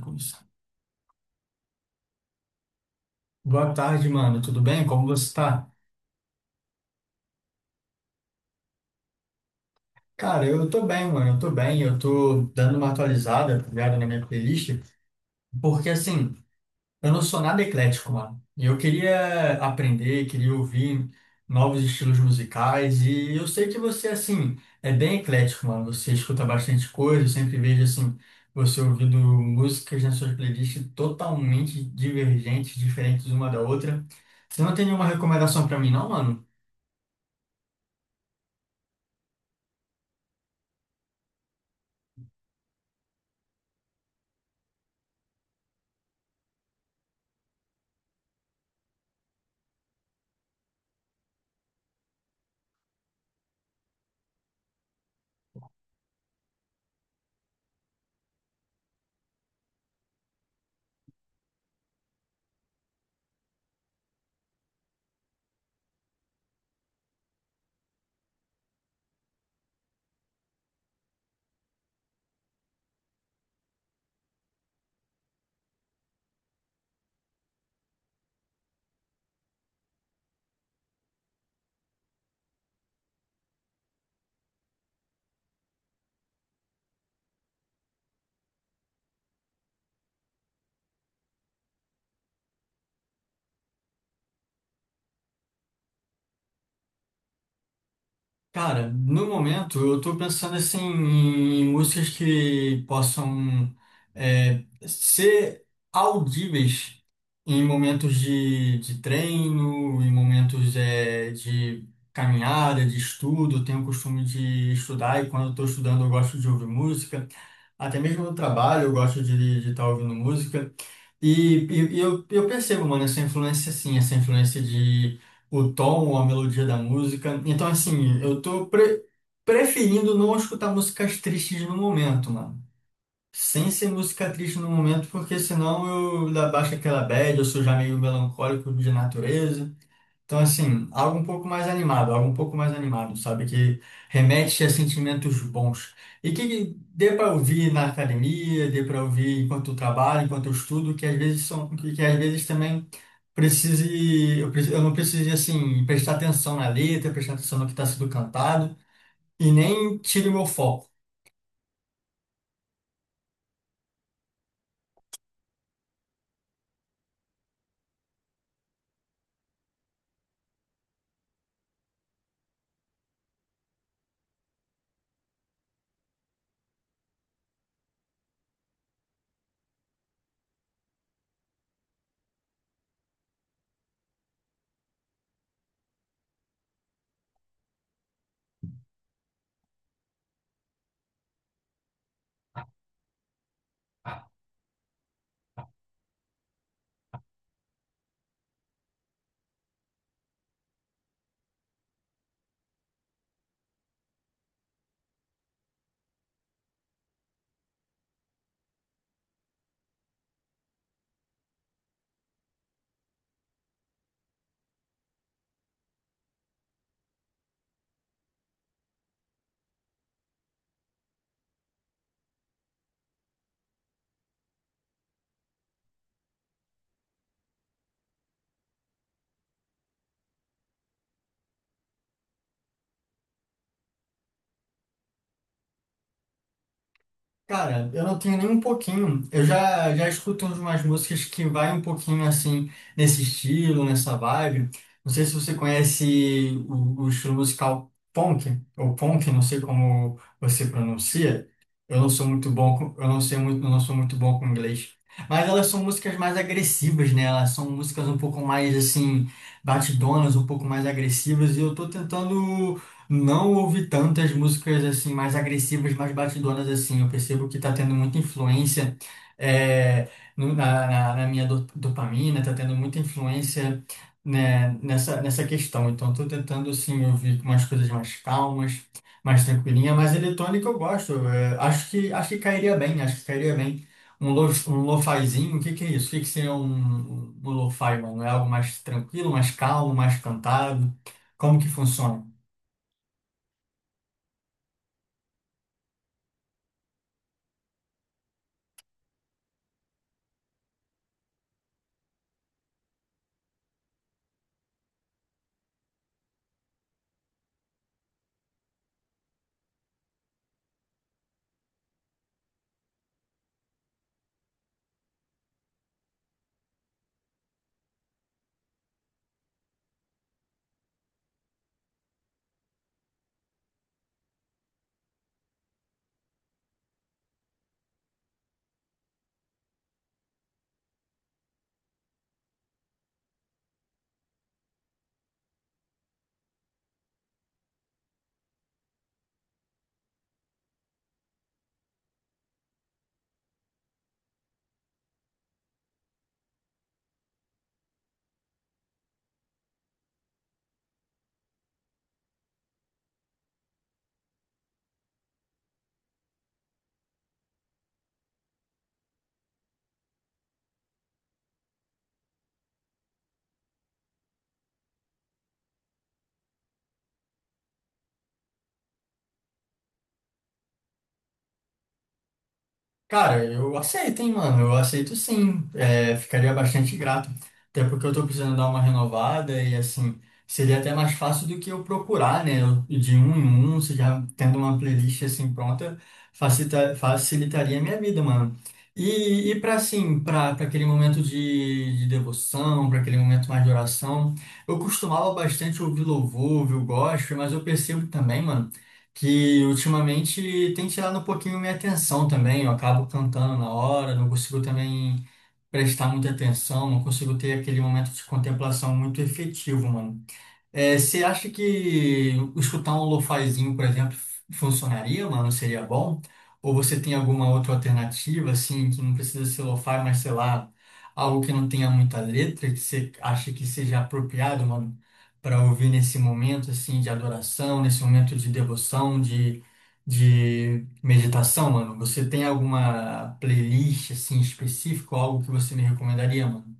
Com isso. Boa tarde, mano. Tudo bem? Como você tá? Cara, eu tô bem, mano. Eu tô bem. Eu tô dando uma atualizada, tá ligado, na minha playlist, porque assim, eu não sou nada eclético, mano. E eu queria aprender, queria ouvir novos estilos musicais. E eu sei que você, assim, é bem eclético, mano. Você escuta bastante coisa. Eu sempre vejo, assim, você ouvindo músicas nas suas playlists totalmente divergentes, diferentes uma da outra. Você não tem nenhuma recomendação pra mim, não, mano? Cara, no momento eu tô pensando assim em músicas que possam ser audíveis em momentos de treino, em momentos de caminhada, de estudo. Eu Tenho o costume de estudar e quando eu tô estudando eu gosto de ouvir música. Até mesmo no trabalho eu gosto de estar ouvindo música. Eu percebo, mano, essa influência assim, essa influência de o tom, a melodia da música. Então, assim, preferindo não escutar músicas tristes no momento, mano. Sem ser música triste no momento, porque senão baixo aquela bad, eu sou já meio melancólico de natureza. Então, assim, algo um pouco mais animado, algo um pouco mais animado, sabe? Que remete a sentimentos bons. E que dê para ouvir na academia, dê para ouvir enquanto eu trabalho, enquanto eu estudo, que às vezes são, que às vezes também eu não precise, assim, prestar atenção na letra, prestar atenção no que está sendo cantado, e nem tire o meu foco. Cara, eu não tenho nem um pouquinho. Já escuto umas músicas que vai um pouquinho assim, nesse estilo, nessa vibe. Não sei se você conhece o estilo musical punk, ou punk, não sei como você pronuncia. Eu não sou muito bom com, eu não sei muito, eu não sou muito bom com inglês. Mas elas são músicas mais agressivas, né? Elas são músicas um pouco mais assim, batidonas, um pouco mais agressivas. E eu tô tentando. Não ouvi tantas músicas assim mais agressivas, mais batidonas assim. Eu percebo que tá tendo muita influência é, na minha dopamina, tá tendo muita influência né, nessa questão. Então estou tentando assim ouvir umas coisas mais calmas, mais tranquilinha, mas eletrônica eu gosto. É, acho que cairia bem, acho que cairia bem. Um lofazinho, o que que é isso? O que que seria um lo-fi, mano? É algo mais tranquilo, mais calmo, mais cantado? Como que funciona? Cara, eu aceito, hein, mano? Eu aceito sim. É, ficaria bastante grato. Até porque eu tô precisando dar uma renovada e, assim, seria até mais fácil do que eu procurar, né? De um em um, você já tendo uma playlist assim pronta, facilitaria a minha vida, mano. E para assim, para aquele momento de devoção, para aquele momento mais de oração, eu costumava bastante ouvir louvor, ouvir o gospel, mas eu percebo também, mano que ultimamente tem tirado um pouquinho minha atenção também. Eu acabo cantando na hora, não consigo também prestar muita atenção, não consigo ter aquele momento de contemplação muito efetivo, mano. É, você acha que escutar um lofazinho, por exemplo, funcionaria, mano? Seria bom? Ou você tem alguma outra alternativa, assim, que não precisa ser lo-fi, mas sei lá, algo que não tenha muita letra, que você acha que seja apropriado, mano, para ouvir nesse momento, assim, de adoração, nesse momento de devoção, de meditação, mano? Você tem alguma playlist, assim, específica, ou algo que você me recomendaria, mano?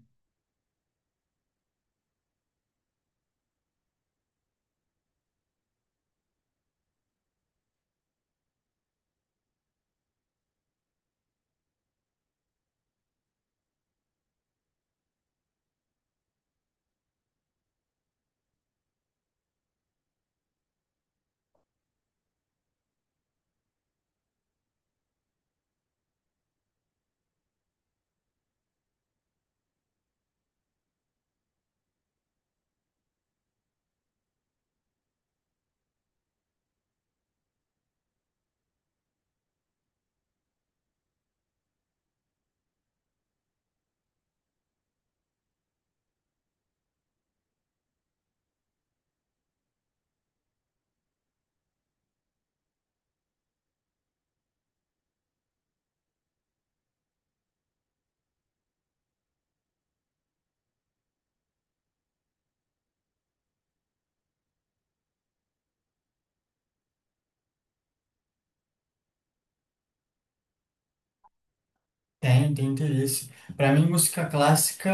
Tem, tem interesse. Pra mim, música clássica,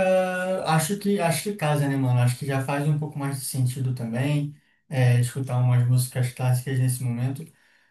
acho que casa, né, mano? Acho que já faz um pouco mais de sentido também, é, escutar umas músicas clássicas nesse momento.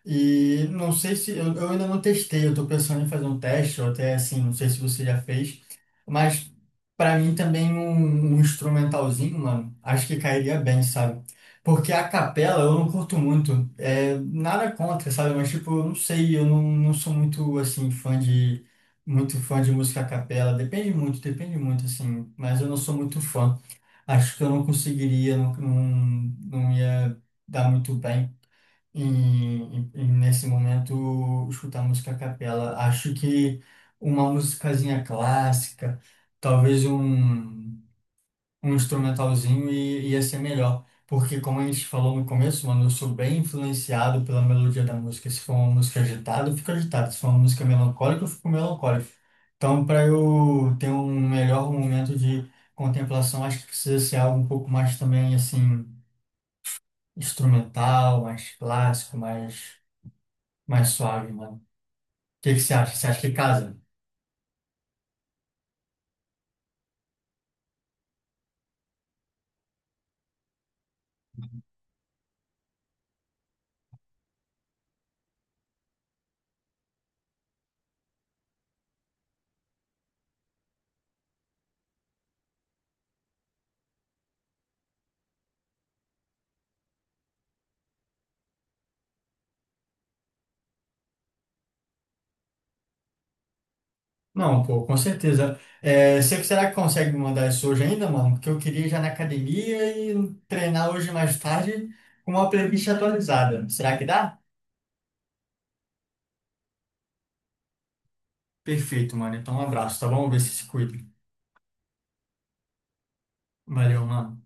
E não sei se eu, eu ainda não testei, eu tô pensando em fazer um teste, ou até assim, não sei se você já fez, mas pra mim também um instrumentalzinho, mano, acho que cairia bem, sabe? Porque a capela eu não curto muito, é, nada contra, sabe? Mas tipo, eu não sei, eu não, não sou muito assim fã de muito fã de música a capela. Depende muito, assim. Mas eu não sou muito fã. Acho que eu não conseguiria, não, não, não ia dar muito bem nesse momento, escutar música a capela. Acho que uma musicazinha clássica, talvez um instrumentalzinho e ia ser melhor. Porque, como a gente falou no começo, mano, eu sou bem influenciado pela melodia da música. Se for uma música agitada, eu fico agitado. Se for uma música melancólica, eu fico melancólico. Então, para eu ter um melhor momento de contemplação, acho que precisa ser algo um pouco mais também, assim, instrumental, mais clássico, mais, mais suave, mano. O que que você acha? Você acha que casa? Não, pô, com certeza. É, será que consegue me mandar isso hoje ainda, mano? Porque eu queria ir já na academia e treinar hoje mais tarde com uma playlist atualizada. Será que dá? Perfeito, mano. Então, um abraço, tá bom? Vê se cuida. Valeu, mano.